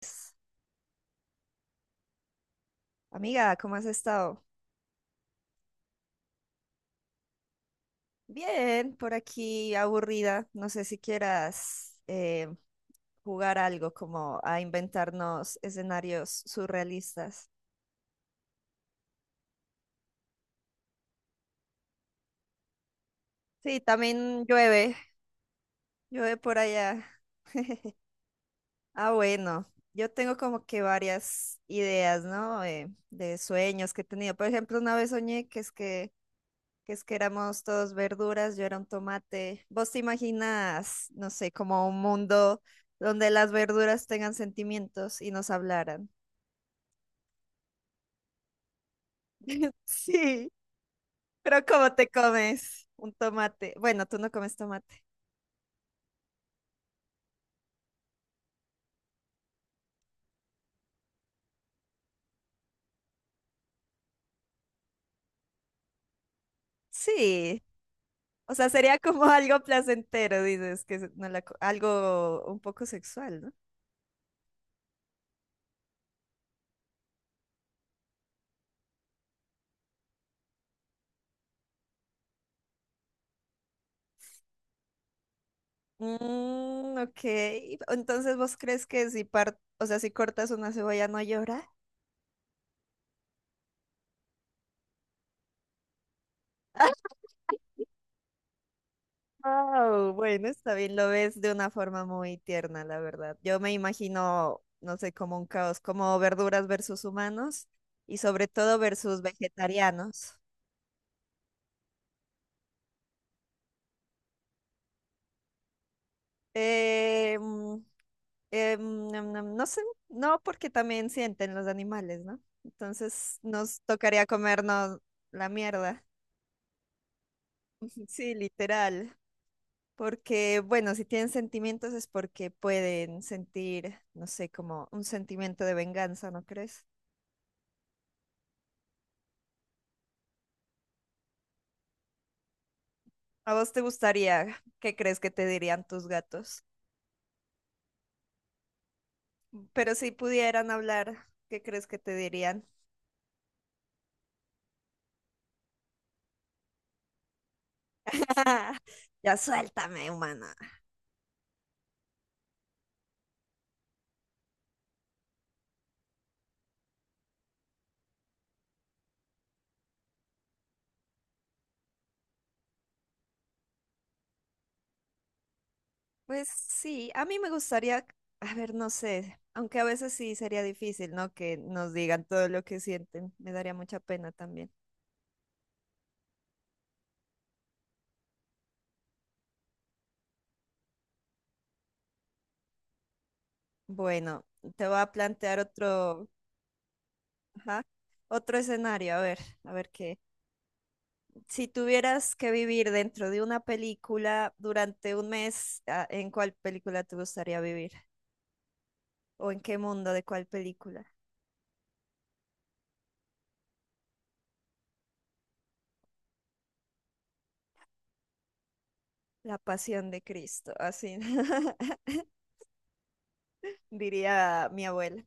Pues, amiga, ¿cómo has estado? Bien, por aquí aburrida. No sé si quieras jugar algo como a inventarnos escenarios surrealistas. Sí, también llueve, llueve por allá. Ah, bueno, yo tengo como que varias ideas, ¿no? De sueños que he tenido. Por ejemplo, una vez soñé que éramos todos verduras, yo era un tomate. ¿Vos te imaginas, no sé, como un mundo donde las verduras tengan sentimientos y nos hablaran? Sí, pero ¿cómo te comes un tomate? Bueno, tú no comes tomate. Sí, o sea, sería como algo placentero, dices, que se- no la co- algo un poco sexual, ¿no? Mm, ok, entonces vos crees que si par- o sea, ¿si cortas una cebolla no llora? Wow, bueno, está bien, lo ves de una forma muy tierna, la verdad. Yo me imagino, no sé, como un caos, como verduras versus humanos y sobre todo versus vegetarianos. Eh, mm, nam, nam, no sé, no porque también sienten los animales, ¿no? Entonces nos tocaría comernos la mierda, sí, literal. Porque, bueno, si tienen sentimientos es porque pueden sentir, no sé, como un sentimiento de venganza, ¿no crees? ¿A vos te gustaría? ¿Qué crees que te dirían tus gatos? Pero si pudieran hablar, ¿qué crees que te dirían? Ya suéltame, humana. Pues sí, a mí me gustaría, a ver, no sé, aunque a veces sí sería difícil, ¿no? Que nos digan todo lo que sienten. Me daría mucha pena también. Bueno, te voy a plantear otro, ajá, otro escenario, a ver qué. Si tuvieras que vivir dentro de una película durante un mes, ah, ¿en cuál película te gustaría vivir? ¿O en qué mundo de cuál película? La Pasión de Cristo, así diría mi abuela.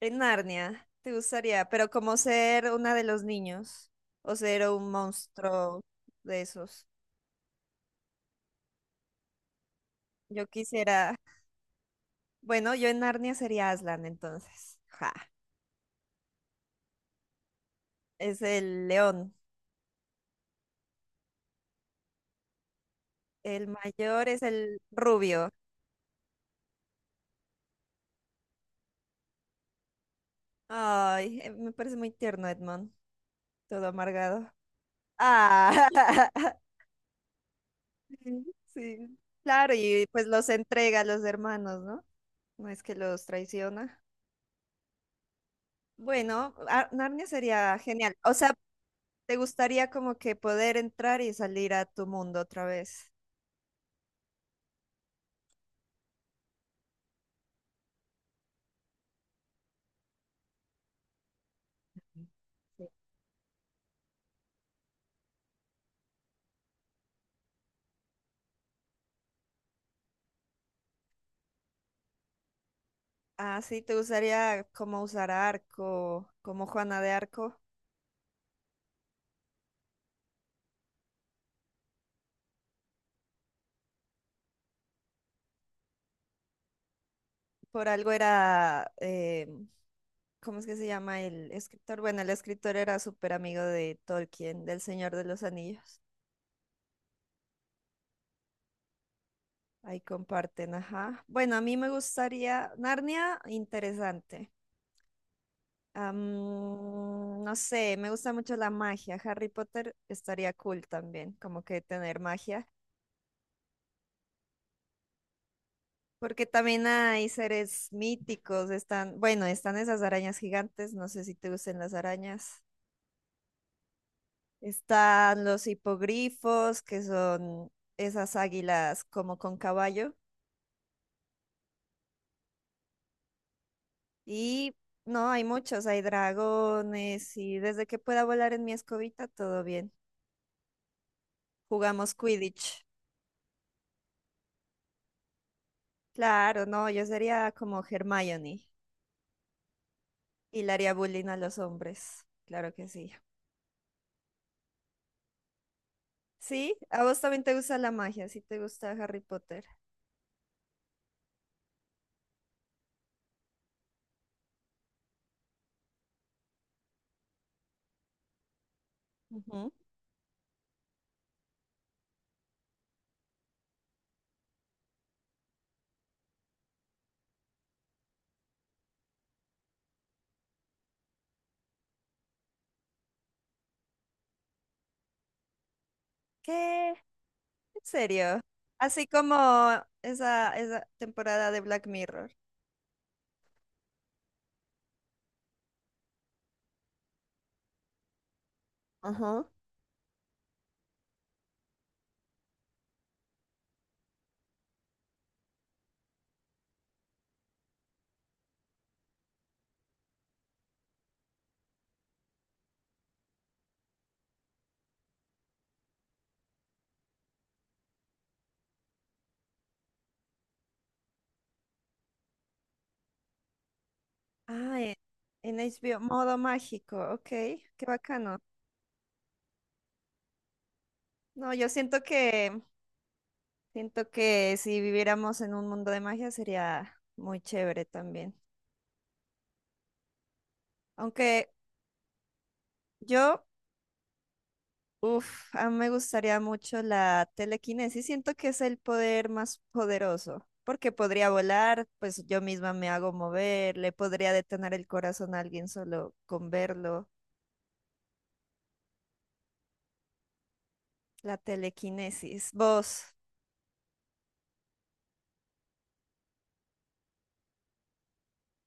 En Narnia, te gustaría, ¿pero como ser una de los niños o ser un monstruo de esos? Yo quisiera, bueno, yo en Narnia sería Aslan entonces. Ja, es el león. El mayor es el rubio. Ay, me parece muy tierno, Edmond, todo amargado. Ah, sí. Claro, y pues los entrega a los hermanos, ¿no? No, es que los traiciona. Bueno, Ar- Narnia sería genial. O sea, ¿te gustaría como que poder entrar y salir a tu mundo otra vez? Ah, sí, ¿te gustaría como usar arco, como Juana de Arco? Por algo era ¿cómo es que se llama el escritor? Bueno, el escritor era súper amigo de Tolkien, del Señor de los Anillos. Ahí comparten, ajá. Bueno, a mí me gustaría Narnia, interesante. No sé, me gusta mucho la magia. Harry Potter estaría cool también, como que tener magia. Porque también hay seres míticos, están, bueno, están esas arañas gigantes, no sé si te gustan las arañas. Están los hipogrifos, que son esas águilas como con caballo. Y no, hay muchos, hay dragones y desde que pueda volar en mi escobita, todo bien. Jugamos Quidditch. Claro, no, yo sería como Hermione y le haría bullying a los hombres. Claro que sí. Sí, a vos también te gusta la magia, sí te gusta Harry Potter. Ujú. ¿Qué? ¿En serio? Así como esa temporada de Black Mirror. Ajá. Ah, en HBO, modo mágico, ok, qué bacano. No, yo siento siento que si viviéramos en un mundo de magia sería muy chévere también. Aunque yo, uff, a mí me gustaría mucho la telequinesis, siento que es el poder más poderoso, porque podría volar, pues yo misma me hago mover, le podría detonar el corazón a alguien solo con verlo. La telequinesis. ¿Vos?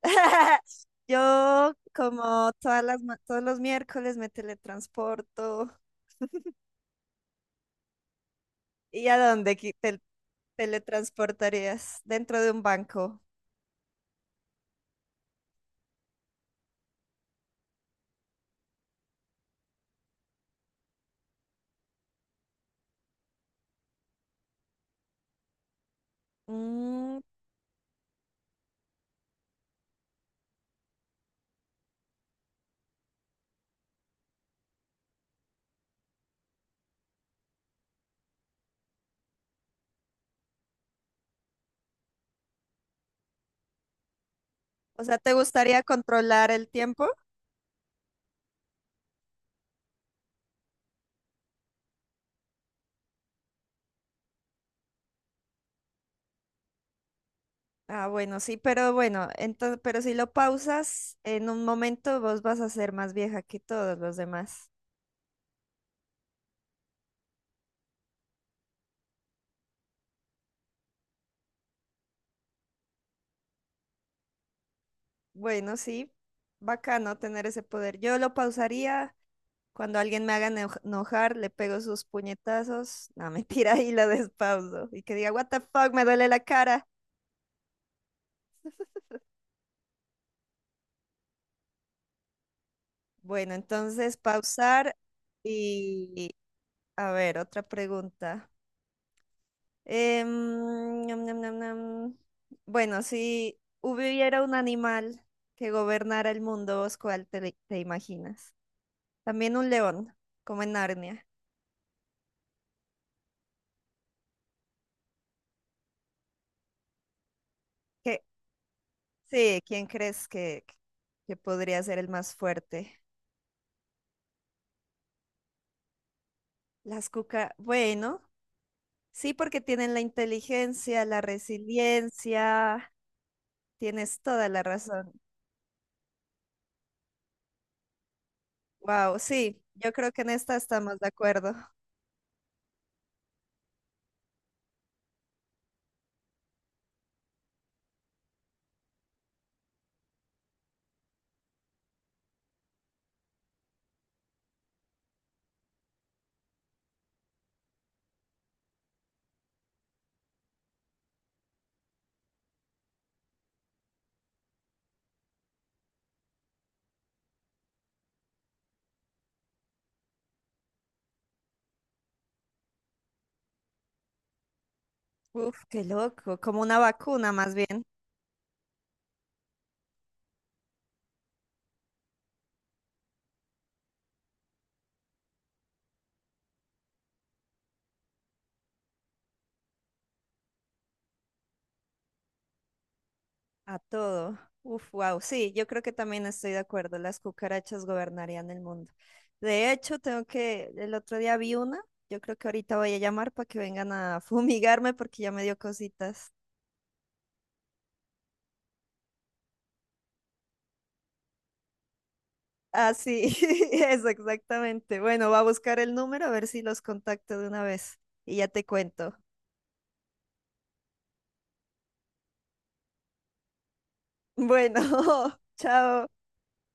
Yo, como todas las, ma- todos los miércoles, me teletransporto. ¿Y a dónde qui- te teletransportarías? Dentro de un banco. Mm, o sea, ¿te gustaría controlar el tiempo? Ah, bueno, sí, pero bueno, entonces, pero si lo pausas, en un momento vos vas a ser más vieja que todos los demás. Bueno, sí, bacano tener ese poder. Yo lo pausaría. Cuando alguien me haga eno- enojar, le pego sus puñetazos. No, mentira, y la despauso. Y que diga, what the fuck, me duele la cara. Bueno, entonces pausar y, y, a ver, otra pregunta. Em, Ñam, ñam, ñam, ñam. Bueno, si hubiera un animal que gobernara el mundo, ¿vos cuál te imaginas? También un león, como en Narnia. ¿Qué- sí, ¿quién crees que podría ser el más fuerte? Las cuca, bueno. Sí, porque tienen la inteligencia, la resiliencia, tienes toda la razón. Wow, sí, yo creo que en esta estamos de acuerdo. Uf, qué loco, como una vacuna más bien a todo. Uf, wow, sí, yo creo que también estoy de acuerdo, las cucarachas gobernarían el mundo. De hecho, tengo que, el otro día vi una, yo creo que ahorita voy a llamar para que vengan a fumigarme porque ya me dio cositas. Así es, exactamente. Bueno, va a buscar el número a ver si los contacto de una vez y ya te cuento. Bueno, chao.